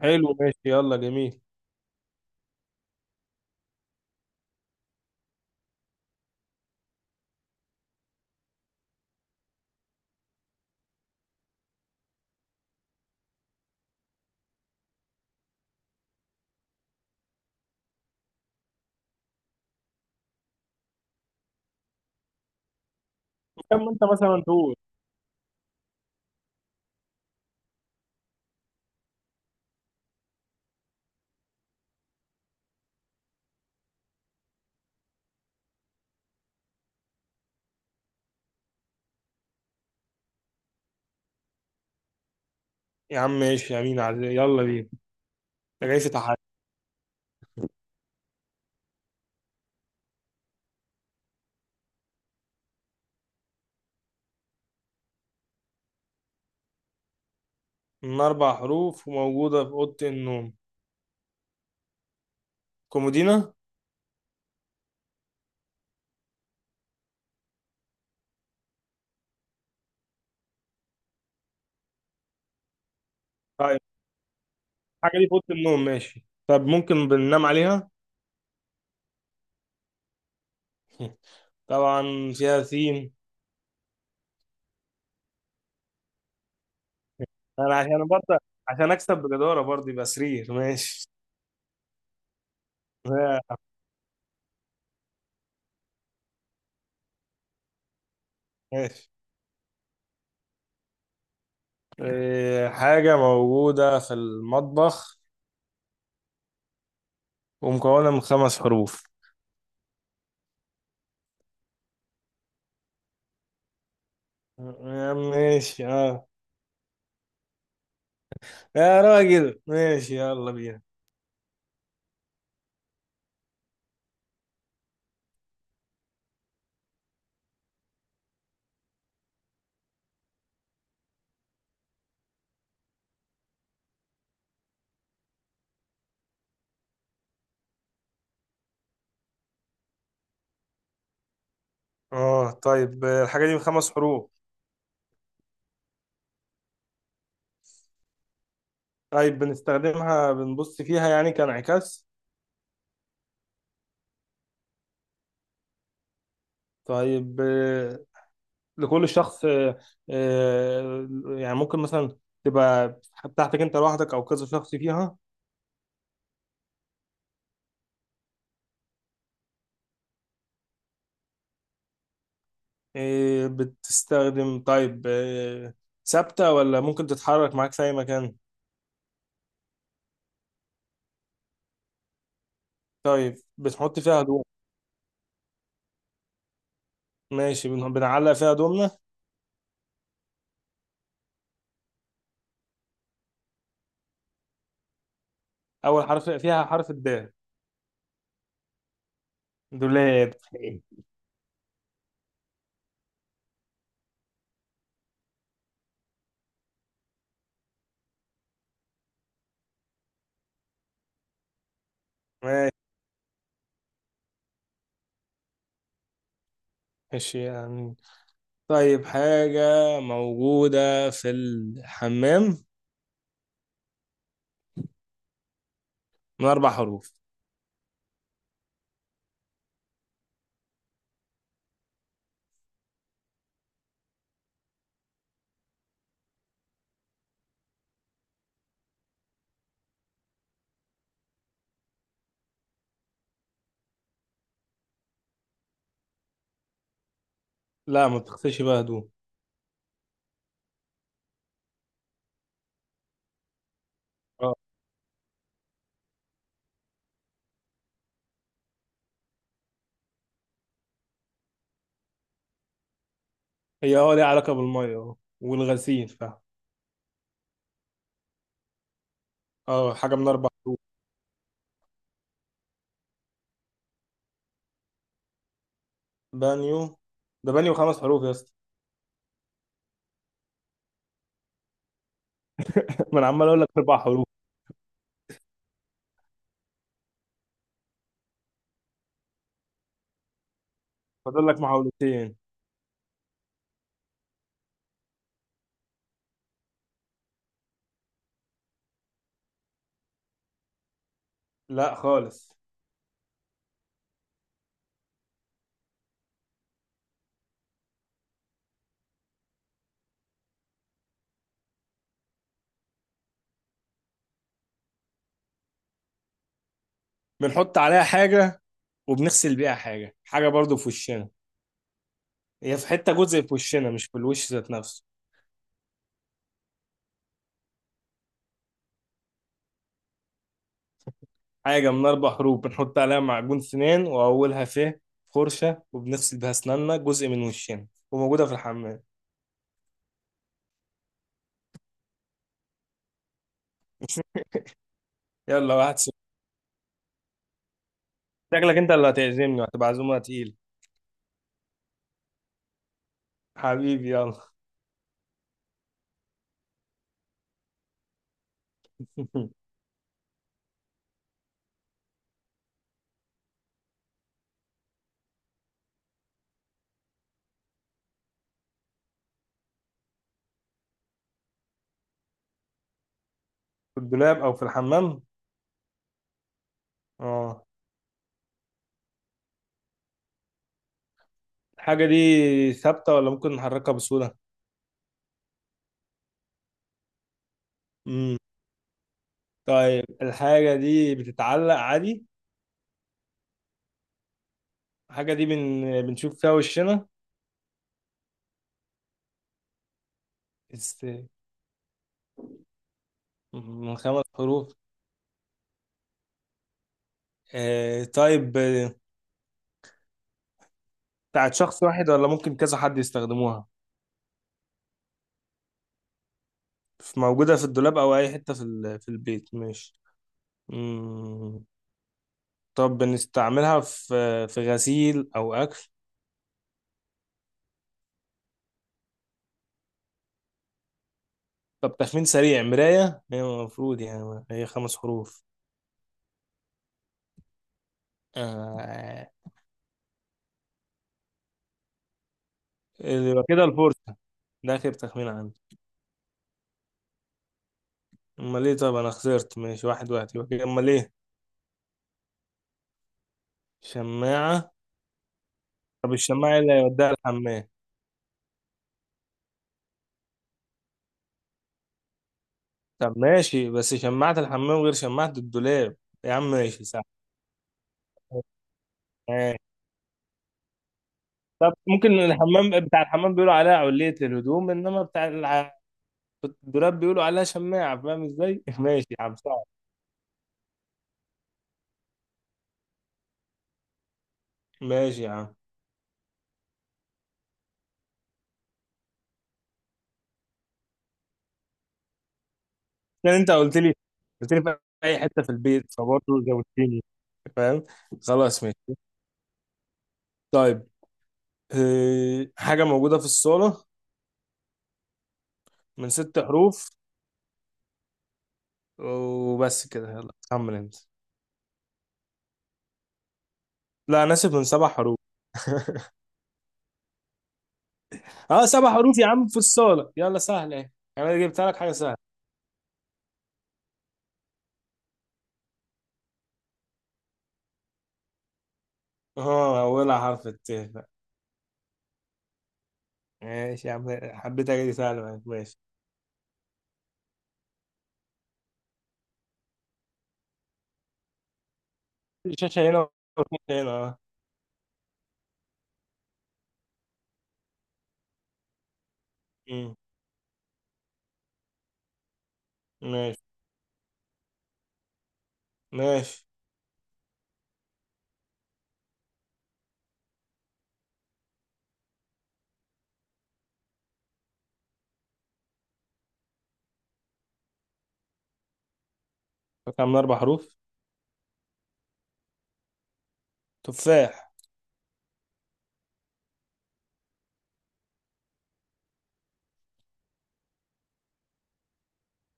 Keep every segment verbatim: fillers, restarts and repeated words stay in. حلو، ماشي، يلا، جميل. كم انت مثلا تقول؟ يا عم ماشي، يا مين عزيز، يلا بينا. ده جاي في تحدي. من اربع حروف وموجوده في اوضه النوم. كومودينا. طيب، الحاجه دي في اوضه النوم، ماشي. طب ممكن بننام عليها؟ طبعا، فيها سين. انا عشان برضه، عشان اكسب بجداره برضه، يبقى سرير، ماشي. ماشي. إيه، حاجه موجوده في المطبخ ومكونه من خمس حروف. آه، ماشي، اه. يا راجل، ماشي، يلا بينا. اه، طيب، آه، الحاجة دي بخمس حروف؟ طيب بنستخدمها بنبص فيها يعني كانعكاس؟ طيب، آه، لكل شخص، آه، آه، يعني ممكن مثلا تبقى بتاعتك انت لوحدك او كذا شخص فيها؟ آه، بتستخدم، طيب، آه، ثابتة ولا ممكن تتحرك معاك في اي مكان؟ طيب بتحط فيها هدوم؟ ماشي، بن- بنعلق فيها هدومنا. اول حرف فيها حرف الدال؟ دولاب. ماشي يعني. طيب، حاجة موجودة في الحمام من أربع حروف. لا، ما بتغسلش بيها هدوم. اه، هي اه ليها علاقة بالمية، اه، والغسيل فاهم. اه، حاجة من أربع. بانيو. ده بانيو خمس حروف يا اسطى. ما أنا عمال أقول لك أربع حروف. فاضل لك محاولتين. لا خالص. بنحط عليها حاجة وبنغسل بيها حاجة، حاجة برضو في وشنا. هي في حتة، جزء في وشنا، مش في الوش ذات نفسه. حاجة من أربع حروف، بنحط عليها معجون سنان وأولها ف، فرشة، وبنغسل بيها أسناننا، جزء من وشنا، وموجودة في الحمام. يلا، واحد صفر. شكلك أنت اللي هتعزمني وهتبقى عزومة تقيلة. حبيبي، يلا. في الدولاب أو في الحمام؟ أه، الحاجة دي ثابتة ولا ممكن نحركها بسهولة؟ مم. طيب، الحاجة دي بتتعلق عادي؟ الحاجة دي بن... بنشوف فيها وشنا؟ است... من خمس حروف. آه طيب، آه، بتاعت شخص واحد ولا ممكن كذا حد يستخدموها؟ موجودة في الدولاب أو أي حتة في ال- في البيت، ماشي. مم. طب بنستعملها في في غسيل أو أكل؟ طب تخمين سريع، مراية، هي المفروض يعني هي خمس حروف. آه. آه، يبقى كده الفرصة. ده آخر تخمين عندي. أمال إيه؟ طب أنا خسرت، ماشي، واحد واحد، يبقى كده، أمال إيه؟ شماعة. طب الشماعة إيه اللي هيوديها الحمام؟ طب، ماشي، بس شماعة الحمام غير شماعة الدولاب. يا عم ماشي. صح. طب ممكن الحمام، بتاع الحمام بيقولوا عليها علية للهدوم، انما بتاع الع- الدولاب بيقولوا عليها شماعة، فاهم ازاي؟ ماشي يا عم، صعب. ماشي يا عم، لان انت قلت لي قلت لي في اي حتة في البيت، فبرضه زودتني. فاهم؟ خلاص، ماشي. طيب، آه، حاجة موجودة في الصالة. من ست حروف. وبس كده، يلا كمل انت. لا انا اسف، من سبع حروف. اه، سبع حروف يا عم في الصالة، يلا سهلة ايه. انا جبت لك حاجة سهلة. اه، اولها حرف الت. ماشي يا عم. حبيت اجي سهل معاك، ماشي. شاشة هنا وشاشة هنا، اه. أمم. ماشي. ماشي. فاكهة من أربع حروف. تفاح.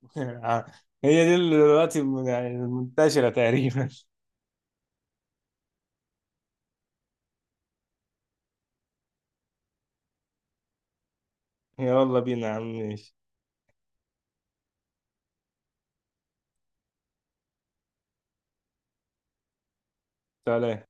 هي دي اللي دلوقتي، يعني منتشرة تقريبا. يلا بينا يا عم، ماشي. سلام.